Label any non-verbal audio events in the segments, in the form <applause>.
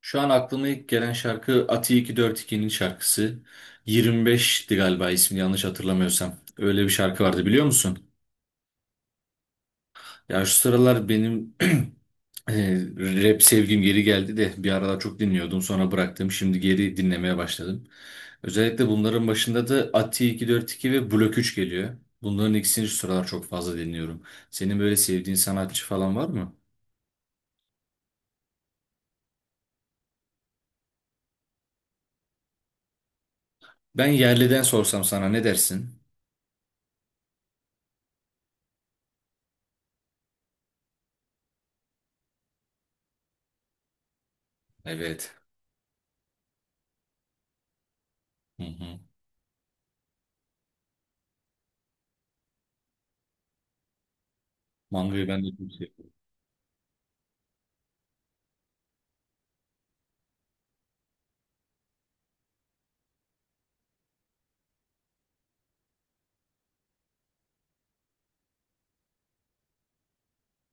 Şu an aklıma ilk gelen şarkı Ati 242'nin şarkısı. 25'ti galiba ismini yanlış hatırlamıyorsam. Öyle bir şarkı vardı biliyor musun? Ya şu sıralar benim <clears throat> e, rap sevgim geri geldi de bir aralar çok dinliyordum sonra bıraktım. Şimdi geri dinlemeye başladım. Özellikle bunların başında da Ati 242 ve Blok 3 geliyor. Bunların ikisini şu sıralar çok fazla dinliyorum. Senin böyle sevdiğin sanatçı falan var mı? Ben yerliden sorsam sana ne dersin? Evet. Hı hı. Manga'yı ben de çok seviyorum.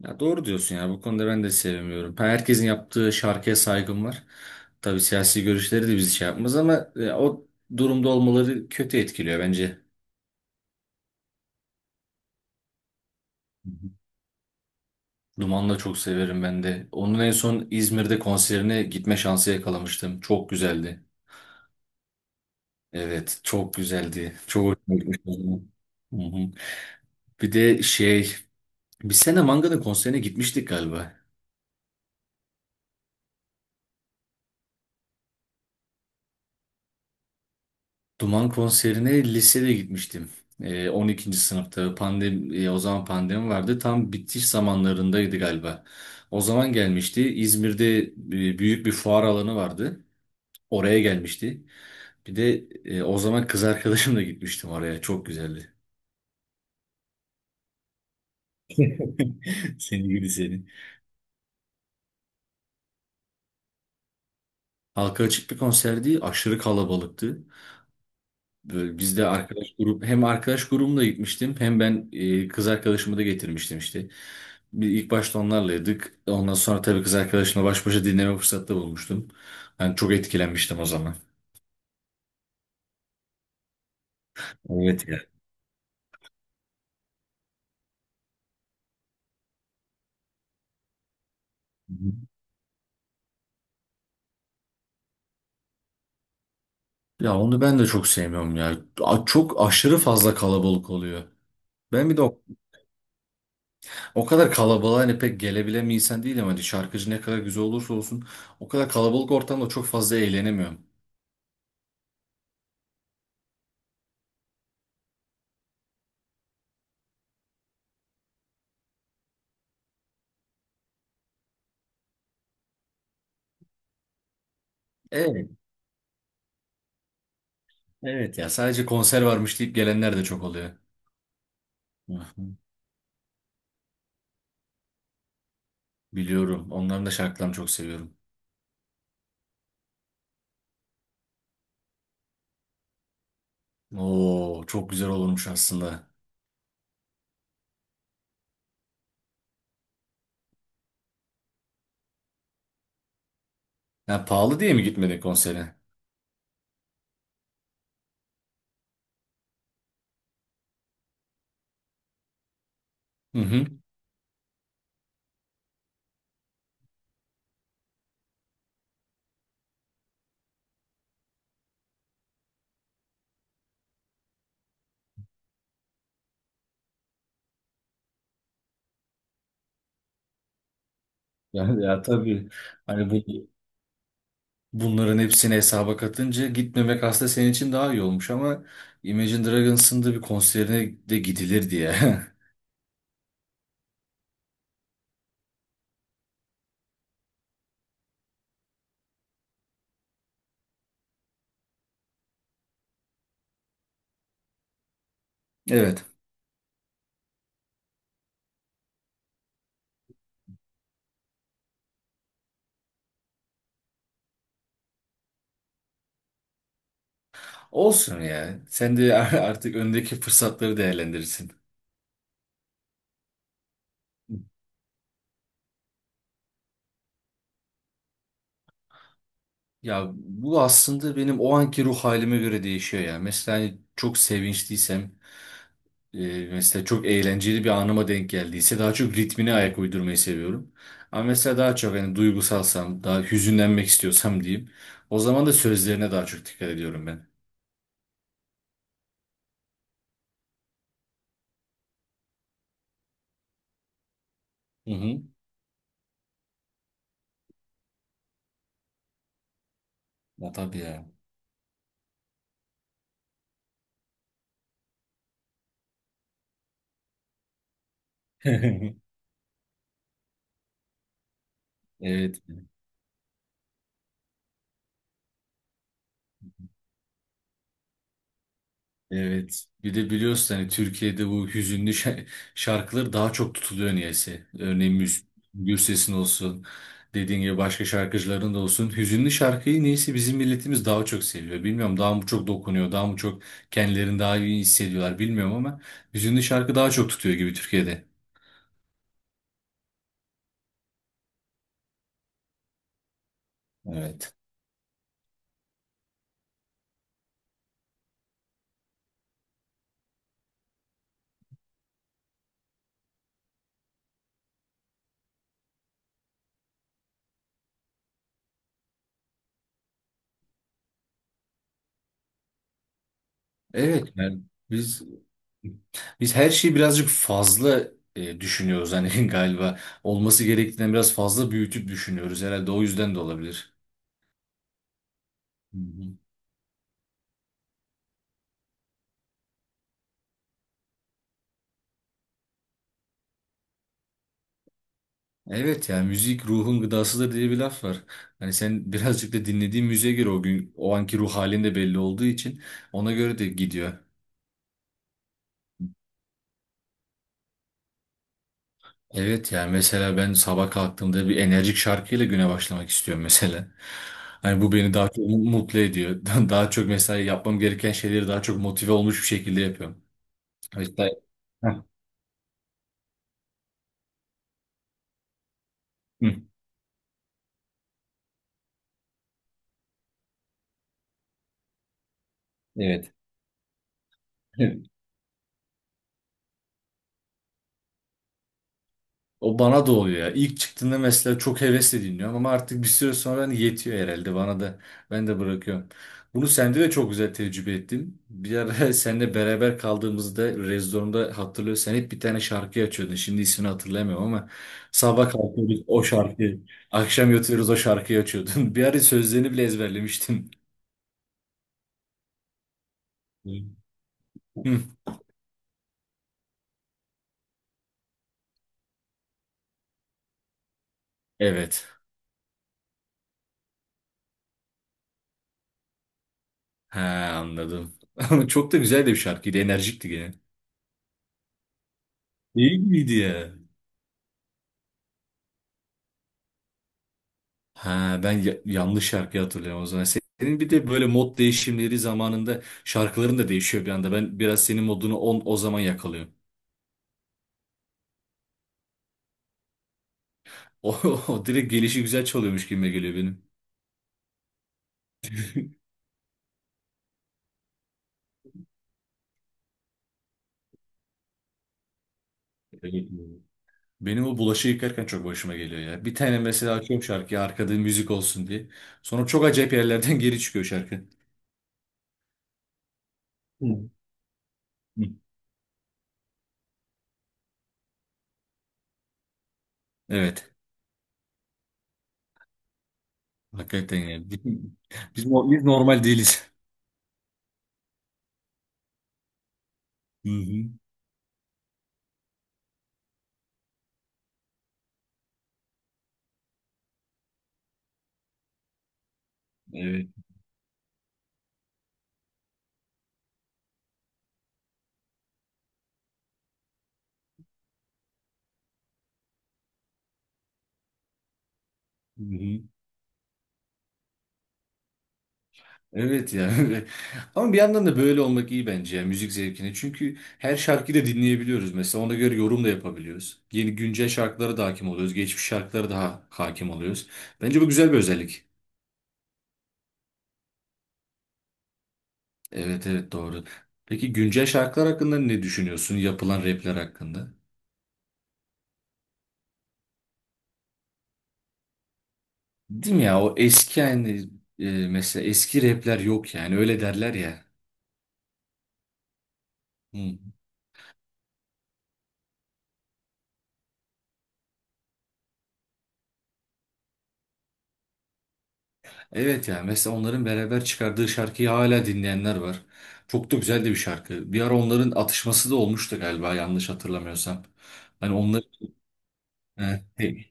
Ya doğru diyorsun ya bu konuda ben de sevmiyorum. Herkesin yaptığı şarkıya saygım var. Tabii siyasi görüşleri de bizi şey yapmaz ama o durumda olmaları kötü etkiliyor bence. Hı hı. Duman'ı da çok severim ben de. Onun en son İzmir'de konserine gitme şansı yakalamıştım. Çok güzeldi. Evet, çok güzeldi. Çok hoşuma gitmişti o zaman. Hı hı. Bir de şey, bir sene Manga'nın konserine gitmiştik galiba. Duman konserine lisede gitmiştim. 12. sınıfta pandemi, o zaman pandemi vardı. Tam bitiş zamanlarındaydı galiba. O zaman gelmişti. İzmir'de büyük bir fuar alanı vardı. Oraya gelmişti. Bir de o zaman kız arkadaşımla gitmiştim oraya. Çok güzeldi. <laughs> Seni gibi seni. Halka açık bir konserdi. Aşırı kalabalıktı. Böyle biz de arkadaş grup hem arkadaş grubumla gitmiştim hem ben kız arkadaşımı da getirmiştim işte. Bir ilk başta onlarlaydık. Ondan sonra tabii kız arkadaşımla baş başa dinleme fırsatı da bulmuştum. Ben çok etkilenmiştim o zaman. Evet ya. Ya onu ben de çok sevmiyorum ya. Çok aşırı fazla kalabalık oluyor. Ben bir de o kadar kalabalığa hani pek gelebilen bir insan değilim. Hani şarkıcı ne kadar güzel olursa olsun o kadar kalabalık ortamda çok fazla eğlenemiyorum. Evet. Evet ya sadece konser varmış deyip gelenler de çok oluyor. Hı hı. Biliyorum. Onların da şarkılarını çok seviyorum. Oo, çok güzel olurmuş aslında. Ya pahalı diye mi gitmedin konsere? Hı hı. Ya, ya tabii. Hani bunların hepsini hesaba katınca gitmemek aslında senin için daha iyi olmuş ama Imagine Dragons'ın da bir konserine de gidilir diye. <laughs> Evet. Olsun ya. Sen de <laughs> artık öndeki fırsatları değerlendirirsin. Ya bu aslında benim o anki ruh halime göre değişiyor ya. Mesela hani çok sevinçliysem mesela çok eğlenceli bir anıma denk geldiyse daha çok ritmine ayak uydurmayı seviyorum. Ama mesela daha çok hani duygusalsam, daha hüzünlenmek istiyorsam diyeyim. O zaman da sözlerine daha çok dikkat ediyorum ben. Hı hı. Ya tabii ya. <laughs> Evet. Evet. Bir de biliyorsun hani Türkiye'de bu hüzünlü şarkılar daha çok tutuluyor niyeyse. Örneğin Gürses'in olsun, dediğin gibi başka şarkıcıların da olsun. Hüzünlü şarkıyı niyeyse bizim milletimiz daha çok seviyor. Bilmiyorum daha mı çok dokunuyor, daha mı çok kendilerini daha iyi hissediyorlar bilmiyorum ama hüzünlü şarkı daha çok tutuyor gibi Türkiye'de. Evet. Evet. Yani biz biz her şeyi birazcık fazla düşünüyoruz hani <laughs> galiba olması gerektiğinden biraz fazla büyütüp düşünüyoruz herhalde o yüzden de olabilir. Hı hı. Evet ya müzik ruhun gıdasıdır diye bir laf var. Hani sen <laughs> birazcık da dinlediğin müziğe göre o gün o anki ruh halin de belli olduğu için ona göre de gidiyor. Evet yani mesela ben sabah kalktığımda bir enerjik şarkıyla güne başlamak istiyorum mesela. Hani bu beni daha çok mutlu ediyor. <laughs> Daha çok mesela yapmam gereken şeyleri daha çok motive olmuş bir şekilde yapıyorum. Hatta. Heh, hı, evet. <laughs> O bana da oluyor ya. İlk çıktığında mesela çok hevesle dinliyorum ama artık bir süre sonra hani yetiyor herhalde bana da. Ben de bırakıyorum. Bunu sende de çok güzel tecrübe ettim. Bir ara <laughs> seninle beraber kaldığımızda Rezdorum'da hatırlıyorsun. Sen hep bir tane şarkı açıyordun. Şimdi ismini hatırlayamıyorum ama sabah kalkıyorduk o şarkıyı. Akşam yatıyoruz o şarkıyı açıyordun. <laughs> Bir ara sözlerini bile ezberlemiştin. Hı. <laughs> Evet. Ha, anladım. <laughs> Ama çok da güzel de bir şarkıydı. Enerjikti gene. İyi gibiydi ya. Ha, ben yanlış şarkıyı hatırlıyorum o zaman. Senin bir de böyle mod değişimleri zamanında şarkıların da değişiyor bir anda. Ben biraz senin modunu on, o zaman yakalıyorum. <laughs> O, o direkt gelişi güzel çalıyormuş gibi geliyor benim. <laughs> Evet. Benim o bulaşığı yıkarken çok başıma geliyor ya. Bir tane mesela açıyorum şarkıyı arkada müzik olsun diye. Sonra çok acayip yerlerden <laughs> geri çıkıyor şarkı. Hı. Hı. Evet. Hakikaten yani. <laughs> Biz normal değiliz. Hı hı. Evet. Hı hı. Evet ya. <laughs> Ama bir yandan da böyle olmak iyi bence ya müzik zevkini. Çünkü her şarkıyı da dinleyebiliyoruz mesela. Ona göre yorum da yapabiliyoruz. Yeni güncel şarkılara da hakim oluyoruz. Geçmiş şarkılara da hakim oluyoruz. Bence bu güzel bir özellik. Evet, evet, doğru. Peki güncel şarkılar hakkında ne düşünüyorsun? Yapılan rapler hakkında? Değil mi ya? O eski yani mesela eski rapler yok yani öyle derler ya. Hı. Evet ya mesela onların beraber çıkardığı şarkıyı hala dinleyenler var. Çok da güzel de bir şarkı. Bir ara onların atışması da olmuştu galiba yanlış hatırlamıyorsam. Hani onları he, he-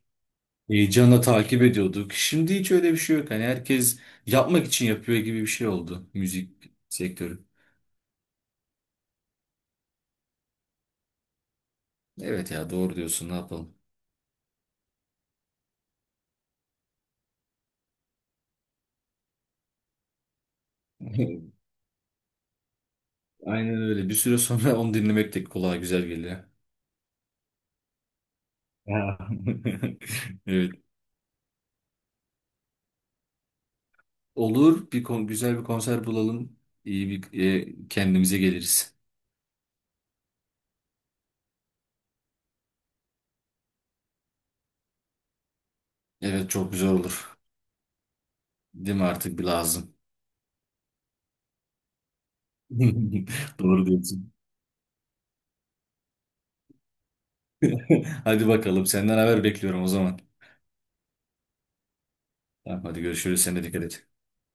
heyecanla takip ediyorduk. Şimdi hiç öyle bir şey yok. Hani herkes yapmak için yapıyor gibi bir şey oldu müzik sektörü. Evet ya doğru diyorsun, ne yapalım. <laughs> Aynen öyle. Bir süre sonra onu dinlemek de kulağa güzel geliyor. Ya. <laughs> Evet. Olur, güzel bir konser bulalım. İyi bir kendimize geliriz. Evet, çok güzel olur. Değil mi, artık bir lazım. <laughs> Doğru diyorsun. <laughs> Hadi bakalım, senden haber bekliyorum o zaman. Tamam, hadi görüşürüz. Sen de dikkat et.